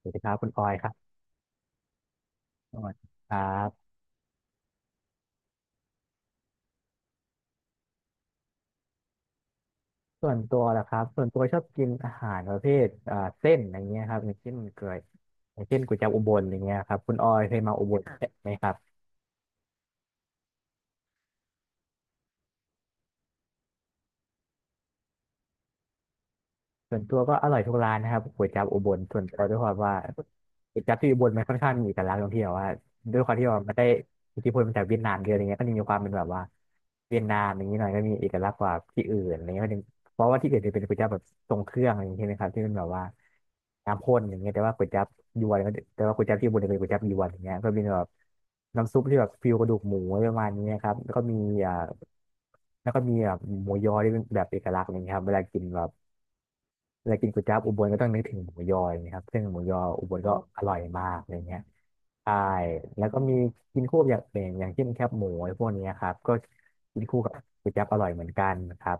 สวัสดีครับคุณออยครับสวัสดีครับส่วนตัวชอบกินอาหารประเภทเส้นอย่างเงี้ยครับอย่างเช่นก๋วยจั๊บอุบลอย่างเงี้ยครับคุณออยเคยมาอุบล่ไหมครับ ส่วนตัวก็อร่อยทุกร้านนะครับก๋วยจั๊บอุบลส่วนตัวด้วยความว่าก๋วยจั๊บที่อุบลมันค่อนข้างมีเอกลักษณ์ตรงที่แบบว่าด้วยความที่ว่ามันได้อิทธิพลมาจากเวียดนามเยอะอะไรเงี้ยก็จะมีความเป็นแบบว่าเวียดนามอย่างนี้หน่อยก็มีเอกลักษณ์กว่าที่อื่นอะไรเงี้ย็เพราะว่าที่อื่นจะเป็นก๋วยจั๊บแบบทรงเครื่องอะไรอย่างเงี้ยใช่ไหมครับที่เป็นแบบว่าน้ำข้นอย่างเงี้ยแต่ว่าก๋วยจั๊บที่อุบลจะเป็นก๋วยจั๊บยวนอย่างเงี้ยก็เป็นแบบน้ำซุปที่แบบฟิวกระดูกหมูอะไรประมาณนี้ครับแล้วก็มีอ่าแล้วก็มีแบบหมูยอที่เป็นแบบเอกลักษณ์อะไรเงี้ยครับเวลากินก๋วยจั๊บอุบลก็ต้องนึกถึงหมูยออยเียครับซึ่งหมูยออุบลก็อร่อยมากอะไรเงี้ยใช่แล้วก็มีกินคู่กับอย่างอื่นอย่างเช่นแคบหมูอะไรพวกนี้ครับก็กินคู่กับก๋วยจั๊บอร่อยเหมือนกันครับ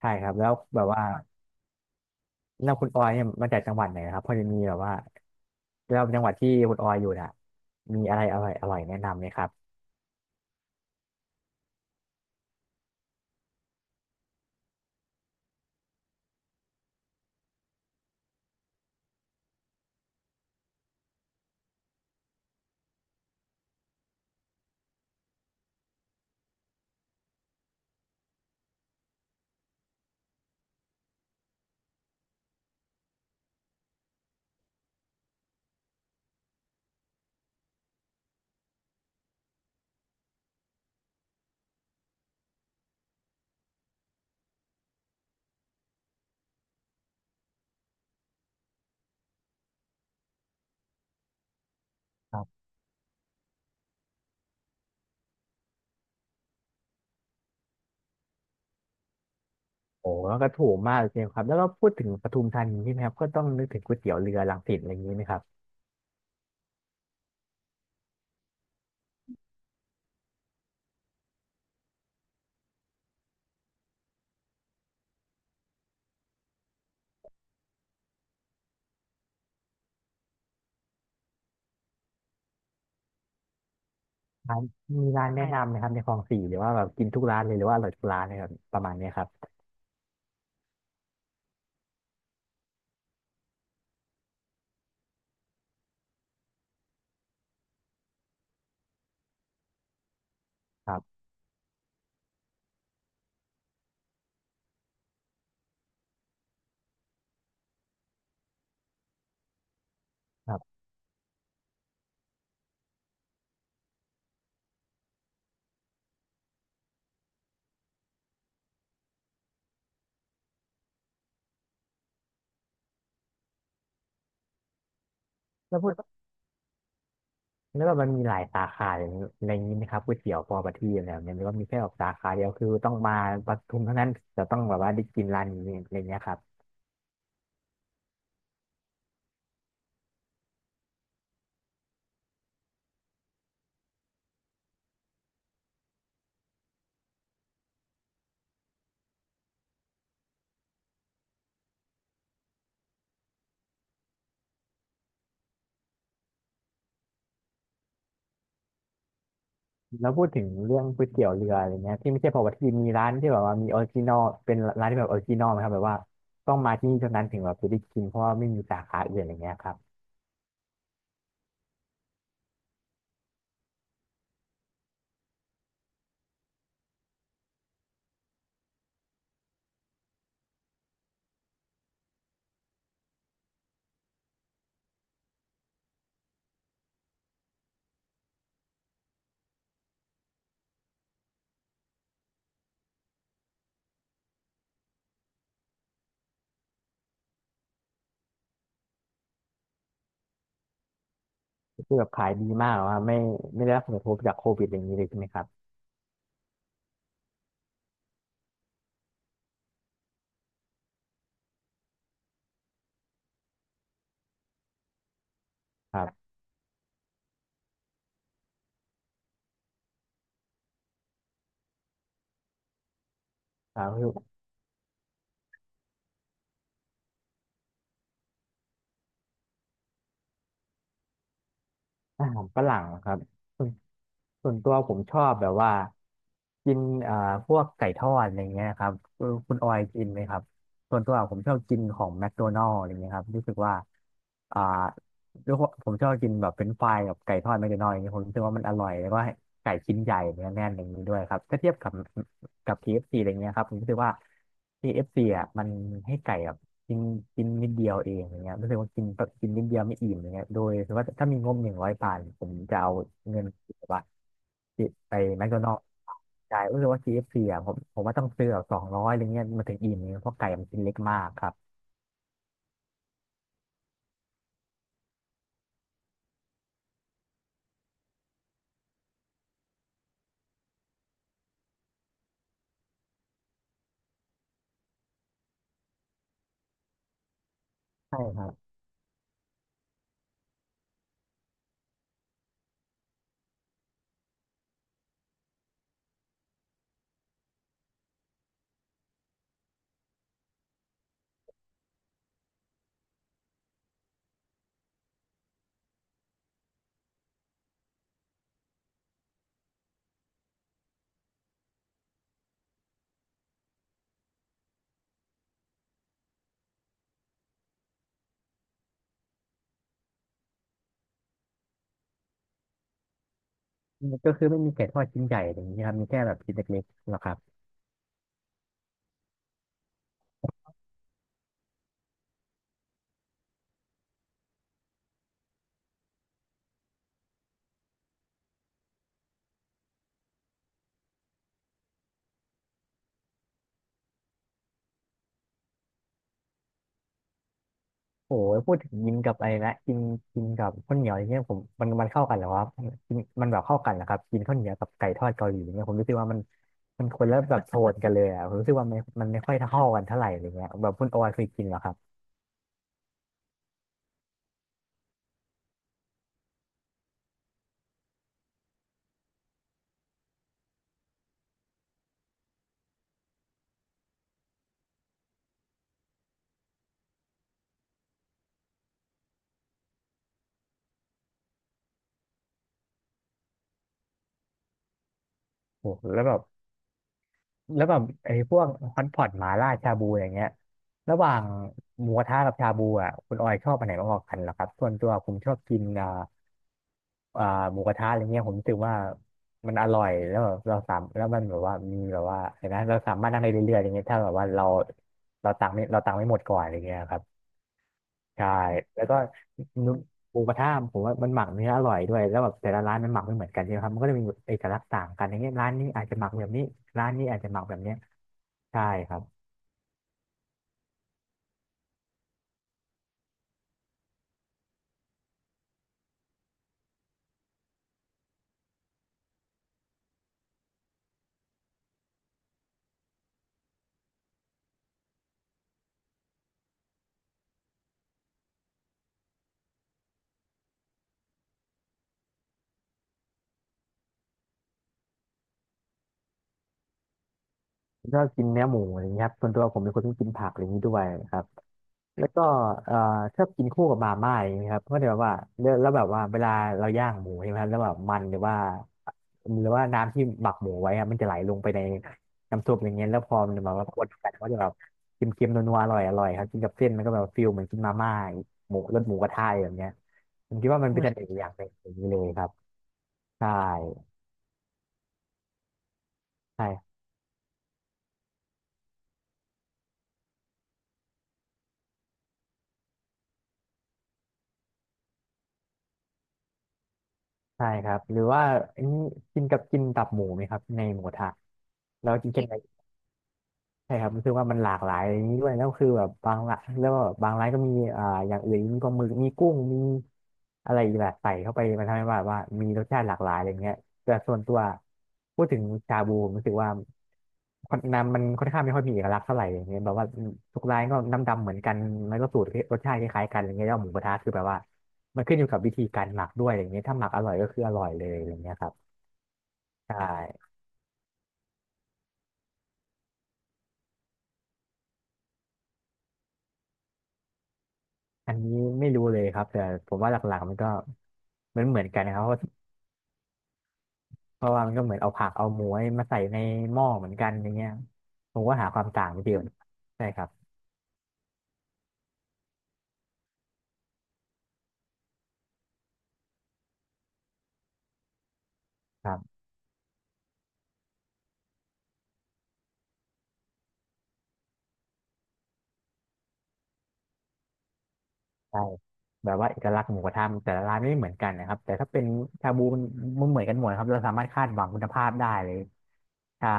ใช่ครับแล้วแบบว่าแล้วคุณออยเนี่ยมาจากจังหวัดไหนครับพอจะมีแบบว่าแล้วจังหวัดที่คุณออยอยู่น่ะมีอะไรอร่อยแนะนำไหมครับครับโอ้แล้วก็ถูกมากเลยครับแล้วก็พูดถึงปทุมธานีใช่ไหมครับก็ต้องนึกถึงก๋วยเตี๋ยวเรือรังสิตอะไรอย่างนี้ไหมครับ ร้านมีร้านแนะนำไหมครับในคลองสี่หรือว่าแบบกินทุกร้านเลยหรือว่าอร่อยทุกร้านเลยครับประมาณเนี้ยครับครับครับแล้วพูดแล้วแบบมันมีหลายสาขาอย่างนี้อะไรอย่างนี้ไหมครับก๋วยเตี๋ยวปอประทีปอะไรแบบเนี้ยหรือว่ามีแค่แบบสาขาเดียวคือต้องมาปทุมเท่านั้นจะต้องแบบว่าได้กินร้านนี้อะไรเงี้ยครับแล้วพูดถึงเรื่องก๋วยเตี๋ยวเรืออะไรเงี้ยที่ไม่ใช่ปอประทีปมีร้านที่แบบว่ามีออริจินอลเป็นร้านที่แบบออริจินอลไหมครับแบบว่าต้องมาที่นี่เท่านั้นถึงแบบจะได้กินเพราะว่าไม่มีสาขาอื่นอะไรเงี้ยครับคือแบบขายดีมากว่าไม่ได้รับผลกระทบจากโควิดอะไรอย่างนี้เลยใช่ไหมครับครับ ครับคืออาหารฝรั่งครับส่วนส่วนตัวผมชอบแบบว่ากินพวกไก่ทอดอะไรเงี้ยครับเออคุณออยกินไหมครับส่วนตัวผมชอบกินของแมคโดนัลด์อะไรเงี้ยครับรู้สึกว่าอ่าด้วยความผมชอบกินแบบเป็นไฟรายกับไก่ทอดแมคโดนัลด์อย่างเงี้ยผมรู้สึกว่ามันอร่อยแล้วก็ไก่ชิ้นใหญ่เนื้อแน่นอย่างนี้ด้วยครับถ้าเทียบกับ KFC อฟซีอะไรเงี้ยครับผมรู้สึกว่าเคเอฟ f c อ่ะมันให้ไก่แบบ กินกินนิดเดียวเองอย่างเงี้ยรู้สึกว่ากินกินนิดเดียวไม่อิ่มอย่างเงี้ยโดยถือว่าถ้ามีงบ100 บาทผมจะเอาเงินแบบว่าไปแมคโดนัลด์จ่ายรู้สึกว่า KFC อฟซีอ่ะผมว่าต้องซื้อแบบ200อะไรเงี้ยมันถึงอิ่มเนี่ยเพราะไก่มันชิ้นเล็กมากครับใช่ครับก็คือไม่มีไก่ทอดชิ้นใหญ่อย่างเงี้ยครับมีแค่แบบชิ้นเล็กๆหรอกครับ โอ้ยพูดถึงกินกับอะไรนะกินกินกับข้าวเหนียวอย่างเงี้ยผมมันเข้ากันเหรอวะกินมันแบบเข้ากันเหรอครับกินข้าวเหนียวกับไก่ทอดเกาหลีอย่างเงี้ยผมรู้สึกว่ามันคนละแบบโทนกันเลยอ่ะผมรู้สึกว่ามันไม่ค่อยเท่ากันเท่าไหร่อะไรเงี้ยแบบคุณโออยเคยกินเหรอครับโอ้โหแล้วแบบ แล้วแบบไอ้พวกฮอตพอตหมาล่าชาบูอย่างเงี้ยระหว่างหมูกระทะกับชาบูอ่ะคุณออยชอบอันไหนมากกว่ากันเหรอครับส่วนตัวผมชอบกินอ่าหมูกระทะอะไรเงี้ยผมรู้สึกว่ามันอร่อยแล้วแบบเราสามแล้วมันแบบว่ามีแบบว่าเห็นไหมเราสามารถนั่งได้เรื่อยๆอย่างเงี้ยถ้าแบบว่าเราตังค์ไม่หมดก่อนอะไรเงี้ยครับใช่แล้วก็หมูกระทะผมว่ามันหมักเนื้ออร่อยด้วยแล้วแบบแต่ละร้านมันหมักไม่เหมือนกันใช่ไหมครับมันก็จะมีเอกลักษณ์ต่างกันอย่างเงี้ยร้านนี้อาจจะหมักแบบนี้ร้านนี้อาจจะหมักแบบเนี้ย ใช่ครับผมชอบกินเนื้อหมูอะไรอย่างเงี้ยครับส่วนตัวผมเป็นคนที่กินผักอะไรอย่างนี้ด้วยครับแล้วก็เอ่อชอบกินคู่กับมาม่าอย่างนี้ยครับก็เลยแบบว่าแล้วแบบว่าเวลาเราย่างหมูใช่ไหมครับแล้วแบบมันหรือว่าหรือว่าน้ำที่หมักหมูไว้อะมันจะไหลลงไปในน้ำซุปอย่างเงี้ยแล้วพอมันแบบว่าคนกันก็จะแบบเค็มๆนัวๆอร่อยครับกินกับเส้นมันก็แบบฟิลเหมือนกินมาม่าหมูรสหมูกระทะอะไรแบบเงี้ยผมคิดว่ามันเป็นเสน่ห์อย่างหนึ่งอย่างนี้เลยครับใช่ใช่ ใช่ครับ หรือว่าอันนี้กินตับหมูไหมครับในหมูกระทะแล้วกินกัน ใช่ครับรู้สึกว่ามันหลากหลายอย่างนี้ด้วยแล้วคือแบบบางละแล้วก็บบางร้านก็มีอ่าอย่างอื่นมีปลาหมึกมีกุ้งมีอะไรอีกแบบใส่เข้าไปมันทำให้ว่ามีรสชาติหลากหลายอะไรเงี้ยแต่ส่วนตัวพูดถึงชาบูผมรู้สึกว่าคนน้ำมันค่อนข้างไม่ค่อยมีเอกลักษณ์เท่าไหร่อย่างเงี้ยแบบว่าทุกร้านก็น้ำดำเหมือนกันแล้วก็สูตรรสชาติคล้ายๆกันอะไรเงี้ยแล้วหมูกระทะคือแบบว่ามันขึ้นอยู่กับวิธีการหมักด้วยอะไรเงี้ยถ้าหมักอร่อยก็คืออร่อยเลยอะไรเงี้ยครับใช่ อันนี้ไม่รู้เลยครับแต่ผมว่าหลักๆมันก็เหมือนกันนะครับเพราะเพราะว่ามันก็เหมือนเอาผักเอาหมูมาใส่ในหม้อเหมือนกันอย่างเงี้ยผมก็หาความต่างไม่เจอใช่ครับครับใช่แบบว่าเอกลักษณ์หมูกระทะแต่ละร้านไม่เหมือนกันนะครับแต่ถ้าเป็นชาบูมันมันเหมือนกันหมดครับเราสามารถคาดหวังคุณภาพได้เลยใช่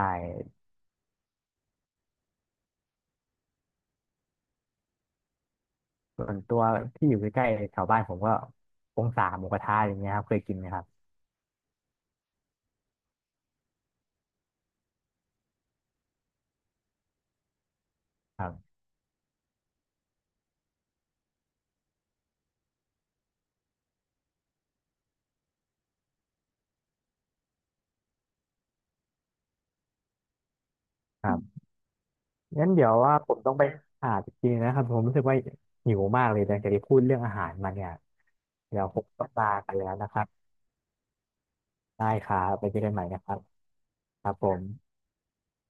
ส่วนตัวที่อยู่ใกล้ๆแถวบ้านผมก็องศาหมูกระทะอย่างเงี้ยครับเคยกินนะครับครับครับ งั้นเดี๋ยวว่าผมต้องไปหาจริงๆนะครับผมรู้สึกว่าหิวมากเลยนะจากที่พูดเรื่องอาหารมาเนี่ยเดี๋ยวผมต้องลากันแล้วนะครับได้ครับไปเจอกันใหม่นะครับครับผม